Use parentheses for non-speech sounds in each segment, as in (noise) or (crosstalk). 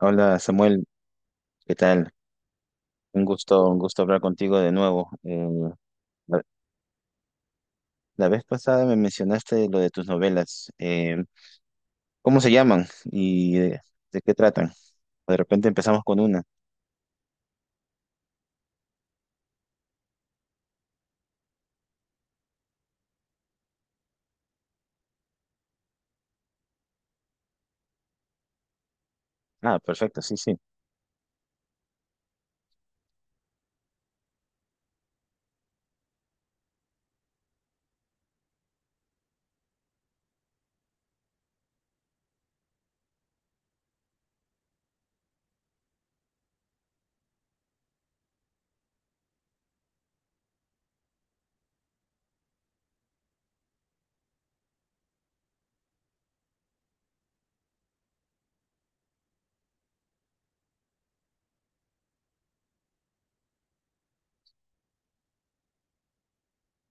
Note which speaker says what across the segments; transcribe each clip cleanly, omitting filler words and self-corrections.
Speaker 1: Hola Samuel, ¿qué tal? Un gusto hablar contigo de nuevo. La, la vez pasada me mencionaste lo de tus novelas. ¿Cómo se llaman y de qué tratan? De repente empezamos con una. Ah, perfecto, sí, sí.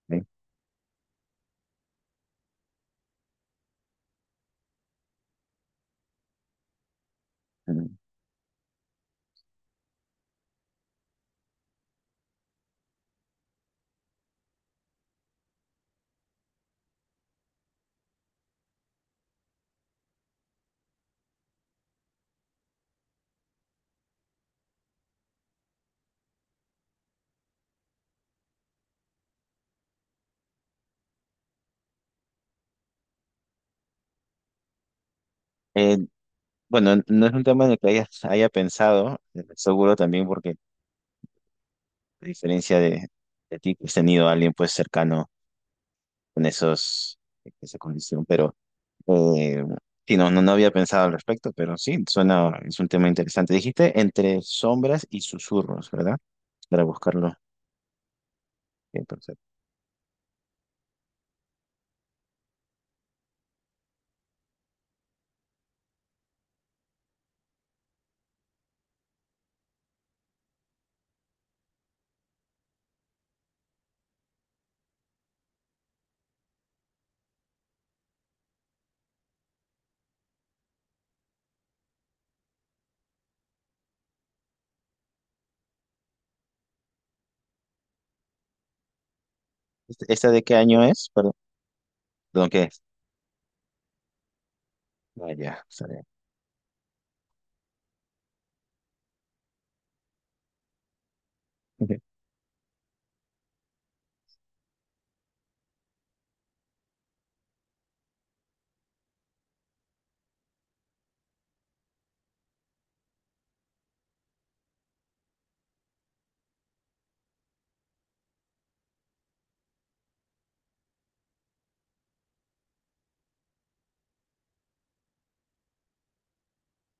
Speaker 1: Sí. Mm. Eh, bueno, no es un tema en el que haya pensado, seguro también porque a de ti, que has tenido a alguien pues cercano con esa condición, pero... Eh, sí, no, no, no había pensado al respecto, pero sí, suena, es un tema interesante. Dijiste Entre sombras y susurros, ¿verdad? Para buscarlo. Bien, perfecto. ¿Esta de qué año es? Perdón, ¿qué es? Ah, ya, está bien. (laughs)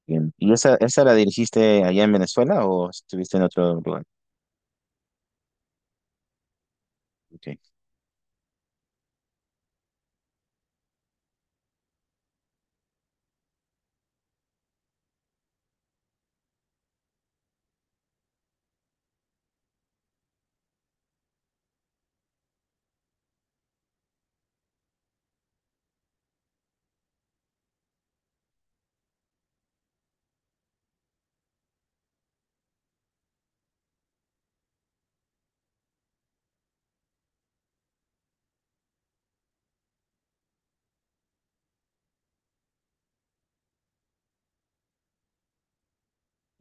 Speaker 1: Bien. ¿Y esa la dirigiste allá en Venezuela o estuviste en otro lugar? Ok.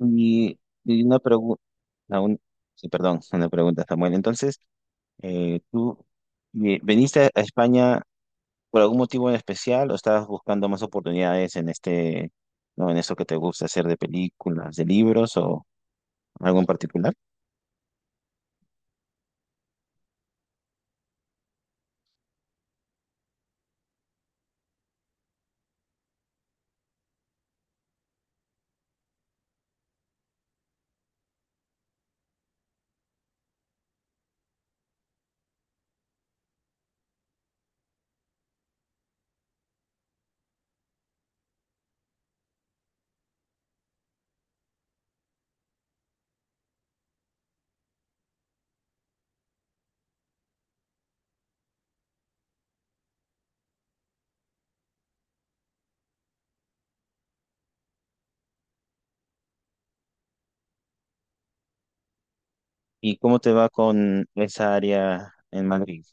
Speaker 1: Y una pregunta, sí, perdón, una pregunta, Samuel. Entonces, tú veniste a España. ¿Por algún motivo en especial o estabas buscando más oportunidades en no, en eso que te gusta hacer de películas, de libros o algo en particular? ¿Y cómo te va con esa área en Madrid?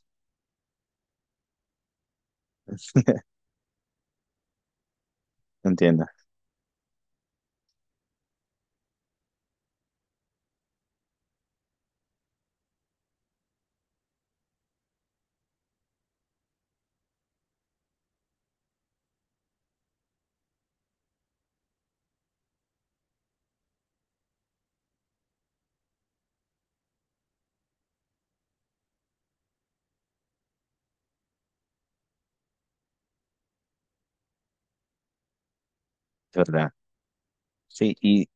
Speaker 1: Entiendo, es verdad. Sí, y,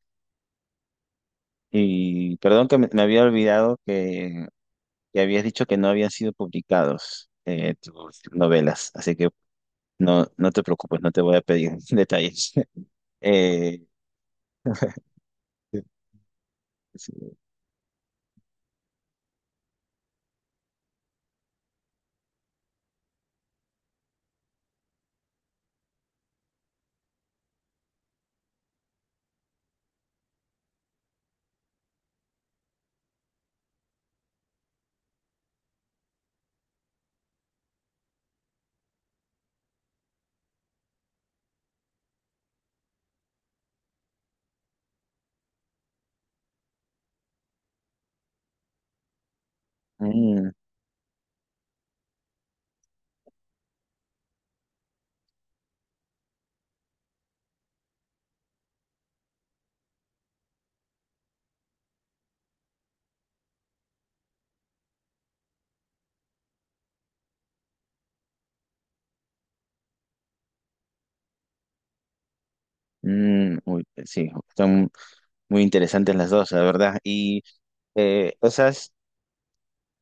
Speaker 1: y perdón que me había olvidado que habías dicho que no habían sido publicados tus novelas, así que no, no te preocupes, no te voy a pedir (laughs) detalles. Eh, sí. Mm, mm, uy, sí, están muy interesantes las dos, la verdad. Y eh, esas,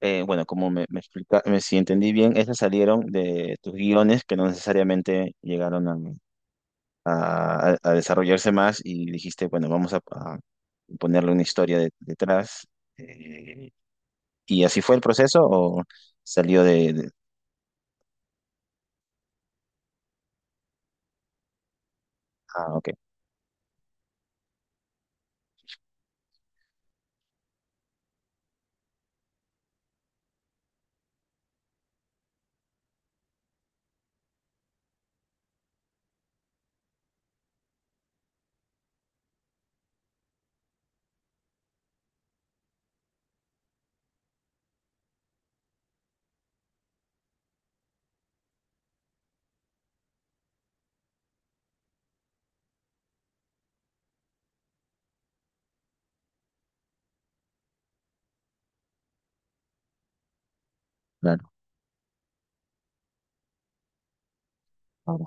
Speaker 1: bueno, como me explica, si entendí bien, esas salieron de tus guiones que no necesariamente llegaron a desarrollarse más y dijiste, bueno, vamos a ponerle una historia detrás. Eh, ¿Y así fue el proceso o salió de... ah, ok, claro. Claro,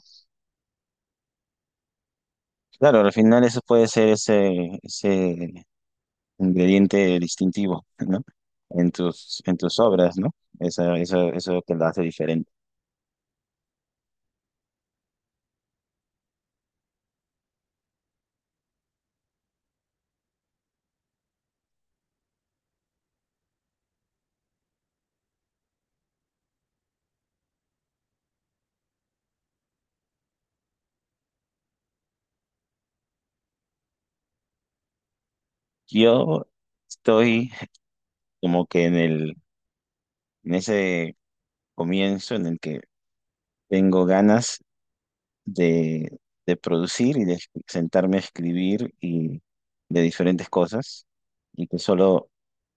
Speaker 1: claro, al final eso puede ser ese ingrediente distintivo, ¿no? En en tus obras, ¿no? Eso, eso te lo hace diferente. Yo estoy como que en en ese comienzo en el que tengo ganas de, de producir y de sentarme a escribir y de diferentes cosas y que solo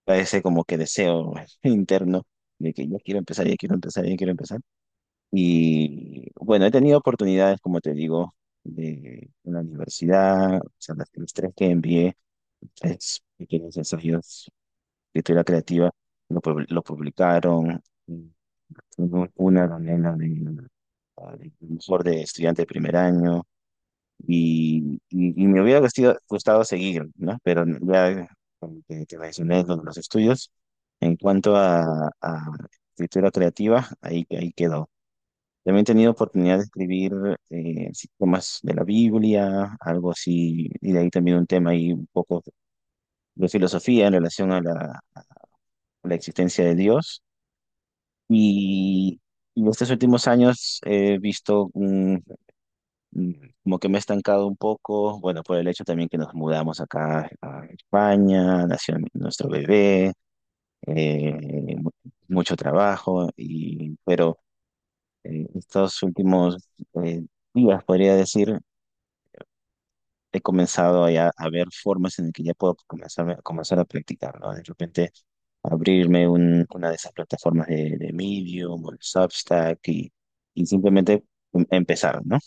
Speaker 1: parece como que deseo (laughs) interno de que ya quiero empezar, ya quiero empezar, ya quiero empezar. Y bueno, he tenido oportunidades, como te digo, de en la universidad, o sea, los tres que envié, tres pequeños ensayos de teoría creativa, lo publicaron. Y hubo una donde era de mejor de estudiante de primer año, y me hubiera gustado seguir, ¿no? Pero ya como te mencioné lo de los estudios. En cuanto a escritura creativa, ahí quedó. También he tenido oportunidad de escribir, así, temas de la Biblia, algo así, y de ahí también un tema ahí un poco de filosofía en relación a a la existencia de Dios. Y, y en estos últimos años he visto mm, como que me he estancado un poco, bueno, por el hecho también que nos mudamos acá a España, nació nuestro bebé, eh, mu- mucho trabajo, y, pero estos últimos eh, días, podría decir, he comenzado ya a ver formas en las que ya puedo comenzar, comenzar a practicar, ¿no? De repente abrirme una de esas plataformas de Medium o el Substack y simplemente empezar, ¿no?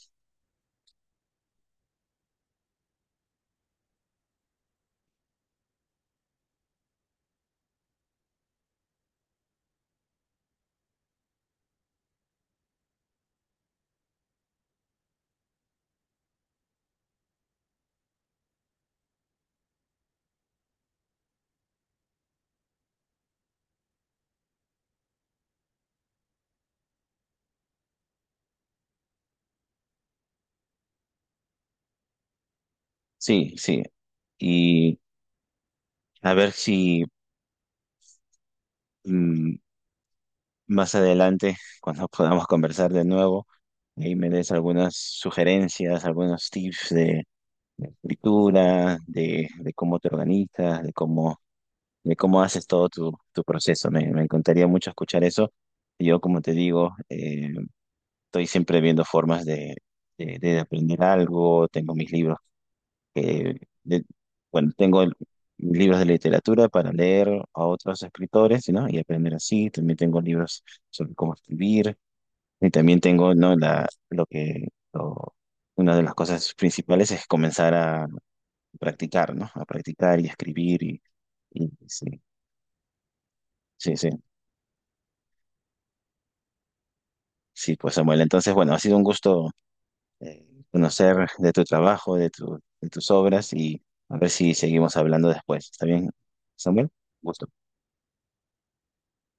Speaker 1: Sí, sí. Y a ver si mm, más adelante, (laughs) cuando podamos conversar de nuevo, ahí me des algunas sugerencias, algunos tips de escritura, de cómo te organizas, de cómo haces todo tu proceso. Me encantaría mucho escuchar eso. Yo, como te digo, estoy siempre viendo formas de aprender algo. Tengo mis libros que, de- bueno, mis libros de literatura para leer a otros escritores, ¿no? Y aprender así. También tengo libros sobre cómo escribir. Y también tengo, ¿no? La, lo que, lo- Una de las cosas principales es comenzar a practicar, ¿no? A practicar y escribir y sí. Sí, sí. Sí, pues Samuel, entonces, bueno, ha sido un gusto conocer de tu trabajo, de de tus obras, y a ver si seguimos hablando después. ¿Está bien, Samuel? Gusto.